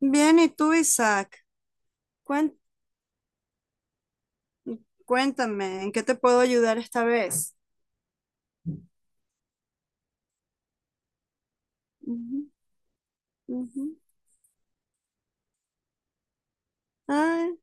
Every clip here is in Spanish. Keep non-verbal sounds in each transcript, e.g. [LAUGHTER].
Bien, ¿y tú, Isaac? Cuen- Cuéntame, ¿en qué te puedo ayudar esta vez? Ujú, ujú. Ay,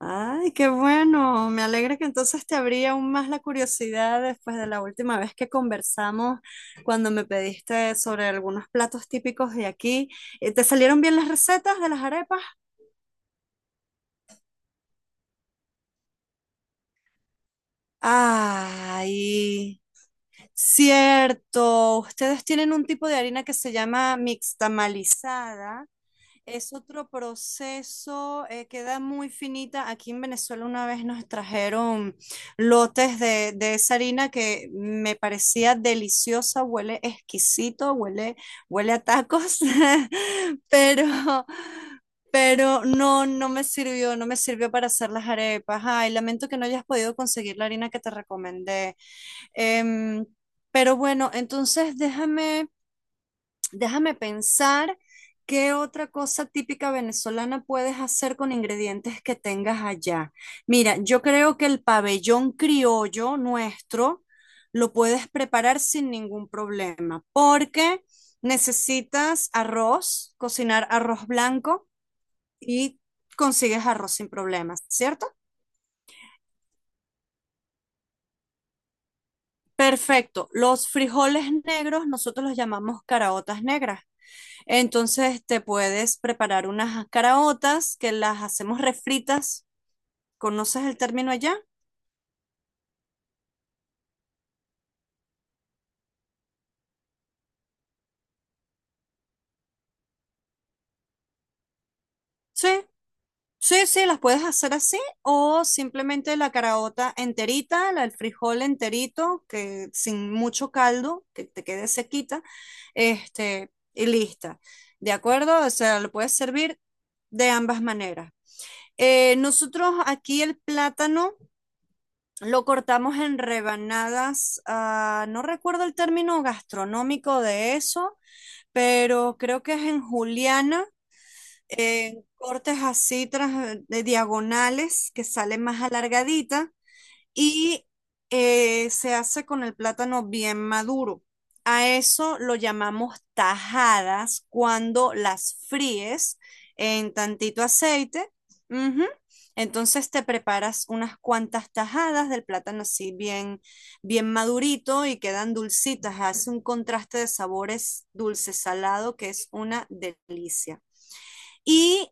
ay, qué bueno. Me alegra que entonces te abrí aún más la curiosidad después de la última vez que conversamos, cuando me pediste sobre algunos platos típicos de aquí. ¿Te salieron bien las recetas de las arepas? Ay, cierto. Ustedes tienen un tipo de harina que se llama mixtamalizada. Es otro proceso, queda muy finita. Aquí en Venezuela una vez nos trajeron lotes de esa harina que me parecía deliciosa, huele exquisito, huele, huele a tacos, [LAUGHS] pero, pero no, no me sirvió, no me sirvió para hacer las arepas. Ay, lamento que no hayas podido conseguir la harina que te recomendé. Em, pero bueno, entonces déjame... Déjame pensar qué otra cosa típica venezolana puedes hacer con ingredientes que tengas allá. Mira, yo creo que el pabellón criollo nuestro lo puedes preparar sin ningún problema, porque necesitas arroz, cocinar arroz blanco y consigues arroz sin problemas, ¿cierto? Perfecto. Los frijoles negros nosotros los llamamos caraotas negras. Entonces te puedes preparar unas caraotas que las hacemos refritas. ¿Conoces el término allá? Sí, sí, sí, las puedes hacer así o simplemente la caraota enterita, el frijol enterito, que sin mucho caldo, que te quede sequita, este, y lista. ¿De acuerdo? O sea, lo puedes servir de ambas maneras. Nosotros aquí el plátano lo cortamos en rebanadas, ah, no recuerdo el término gastronómico de eso, pero creo que es en juliana, en cortes así de diagonales que sale más alargadita y se hace con el plátano bien maduro. A eso lo llamamos tajadas cuando las fríes en tantito aceite. Ujú. Entonces te preparas unas cuantas tajadas del plátano así bien, bien madurito y quedan dulcitas. Hace un contraste de sabores dulce-salado que es una delicia. Y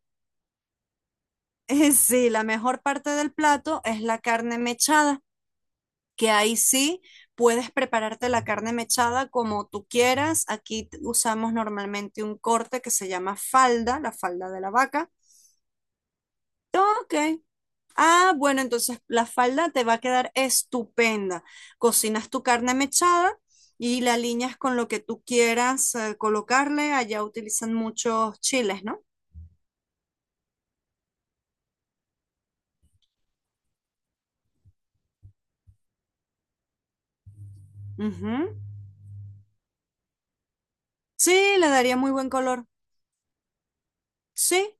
[LAUGHS] sí, la mejor parte del plato es la carne mechada, que ahí sí puedes prepararte la carne mechada como tú quieras. Aquí usamos normalmente un corte que se llama falda, la falda de la vaca. Ok. Ah, bueno, entonces la falda te va a quedar estupenda. Cocinas tu carne mechada y la alineas con lo que tú quieras colocarle. Allá utilizan muchos chiles, ¿no? Ujú. Sí, le daría muy buen color. Sí,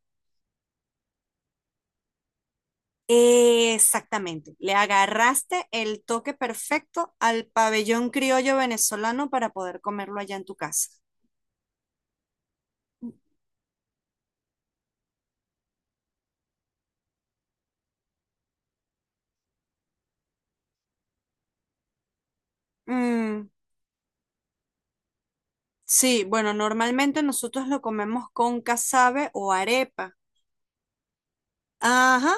exactamente, le agarraste el toque perfecto al pabellón criollo venezolano para poder comerlo allá en tu casa. Mm, sí, bueno, normalmente nosotros lo comemos con casabe o arepa. Ajá,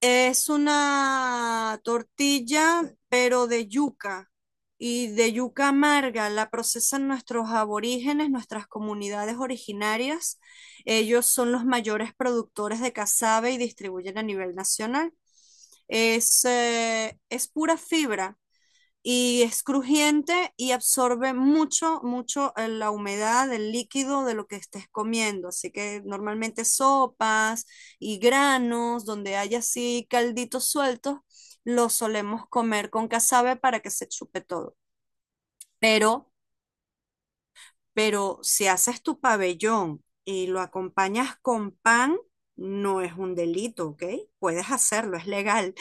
es una tortilla, pero de yuca y de yuca amarga. La procesan nuestros aborígenes, nuestras comunidades originarias. Ellos son los mayores productores de casabe y distribuyen a nivel nacional. Es pura fibra y es crujiente y absorbe mucho, mucho la humedad del líquido de lo que estés comiendo. Así que normalmente sopas y granos, donde hay así calditos sueltos, los solemos comer con casabe para que se chupe todo. Pero, pero si haces tu pabellón y lo acompañas con pan, no es un delito, ¿ok? Puedes hacerlo, es legal.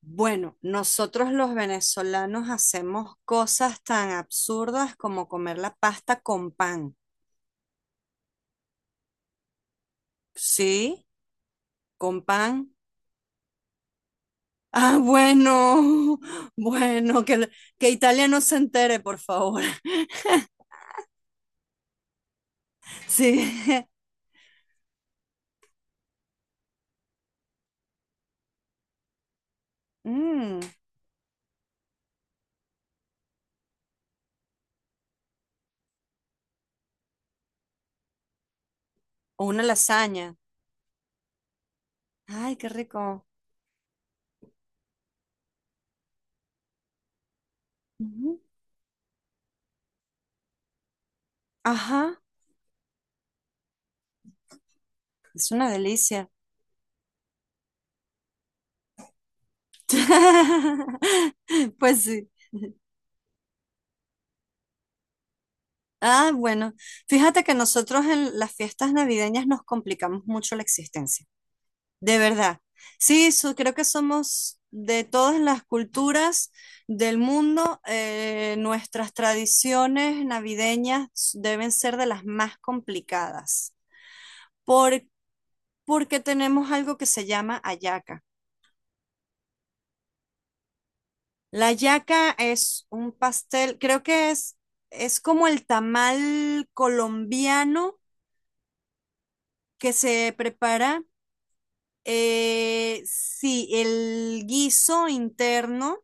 Bueno, nosotros los venezolanos hacemos cosas tan absurdas como comer la pasta con pan. ¿Sí? ¿Con pan? Ah, bueno, [LAUGHS] bueno, que Italia no se entere, por favor. [LAUGHS] Sí. [LAUGHS] Mm, o una lasaña. Ay, qué rico. Ujú. Ajá, es una delicia. [LAUGHS] Pues sí. Ah, bueno, fíjate que nosotros en las fiestas navideñas nos complicamos mucho la existencia. De verdad. Sí, creo que somos de todas las culturas del mundo. Nuestras tradiciones navideñas deben ser de las más complicadas por- porque tenemos algo que se llama hallaca. La hallaca es un pastel, creo que es como el tamal colombiano que se prepara. Sí, el guiso interno.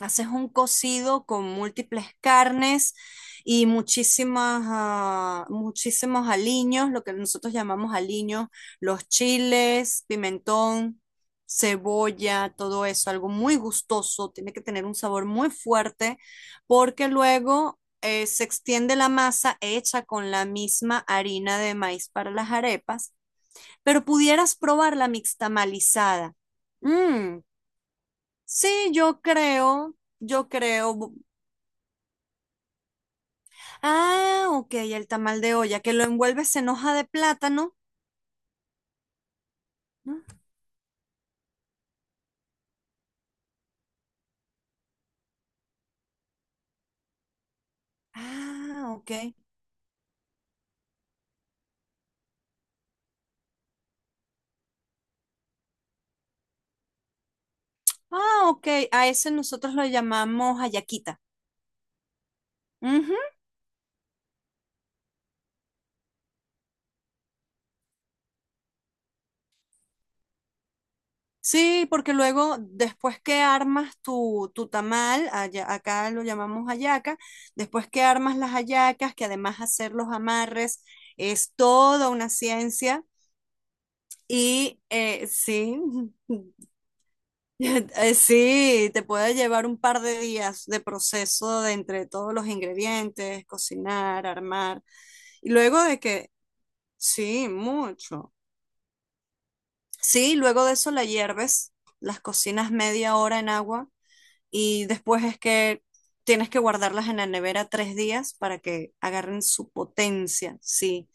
Haces un cocido con múltiples carnes y muchísimos aliños, lo que nosotros llamamos aliños, los chiles, pimentón, cebolla, todo eso, algo muy gustoso, tiene que tener un sabor muy fuerte, porque luego se extiende la masa hecha con la misma harina de maíz para las arepas, pero pudieras probar la mixtamalizada. Mmm, sí, yo creo, yo creo. Ah, ok, el tamal de olla, que lo envuelves en hoja de plátano, ¿no? Ah, ok. Ah, ok, a ese nosotros lo llamamos hallaquita. Ujú. Sí, porque luego, después que armas tu tamal, acá lo llamamos hallaca, después que armas las hallacas, que además hacer los amarres es toda una ciencia. Sí, [LAUGHS] [LAUGHS] sí, te puede llevar un par de días de proceso de entre todos los ingredientes, cocinar, armar. Y luego de que, sí, mucho. Sí, luego de eso la hierves, las cocinas media hora en agua y después es que tienes que guardarlas en la nevera 3 días para que agarren su potencia. Sí,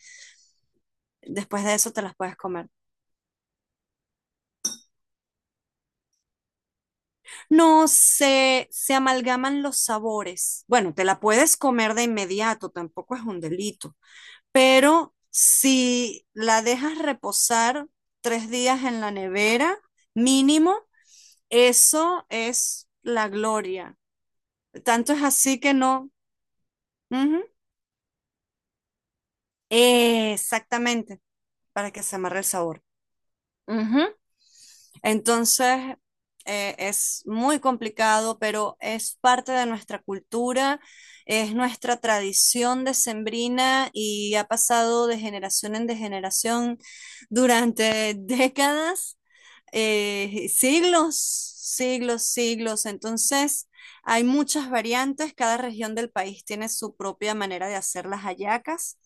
después de eso te las puedes comer. No se, se amalgaman los sabores. Bueno, te la puedes comer de inmediato, tampoco es un delito. Pero si la dejas reposar 3 días en la nevera, mínimo, eso es la gloria. Tanto es así que no. Ujú. Exactamente, para que se amarre el sabor. Ujú. Entonces, es muy complicado, pero es parte de nuestra cultura, es nuestra tradición decembrina y ha pasado de generación en de generación durante [LAUGHS] décadas, siglos, siglos, siglos. Entonces, hay muchas variantes, cada región del país tiene su propia manera de hacer las hallacas.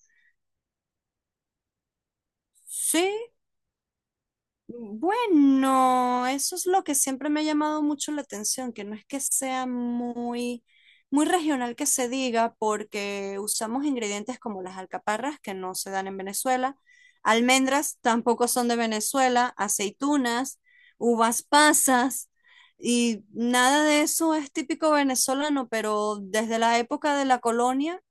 Sí, bueno, eso es lo que siempre me ha llamado mucho la atención, que no es que sea muy, muy regional que se diga, porque usamos ingredientes como las alcaparras, que no se dan en Venezuela, almendras tampoco son de Venezuela, aceitunas, uvas pasas, y nada de eso es típico venezolano, pero desde la época de la colonia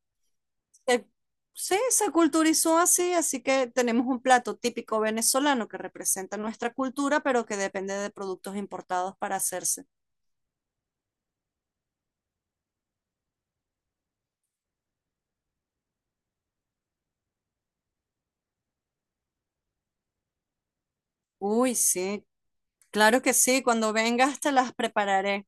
se- sí, se culturizó así, así que tenemos un plato típico venezolano que representa nuestra cultura, pero que depende de productos importados para hacerse. Uy, sí, claro que sí, cuando vengas te las prepararé.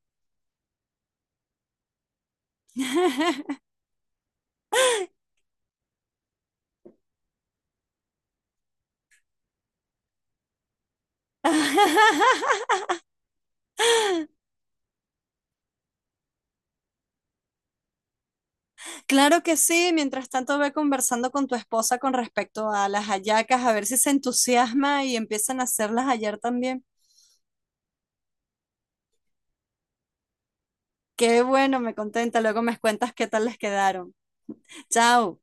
[LAUGHS] Claro que sí, mientras tanto ve conversando con tu esposa con respecto a las hallacas, a ver si se entusiasma y empiezan a hacerlas ayer también. Qué bueno, me contenta, luego me cuentas qué tal les quedaron. Chao.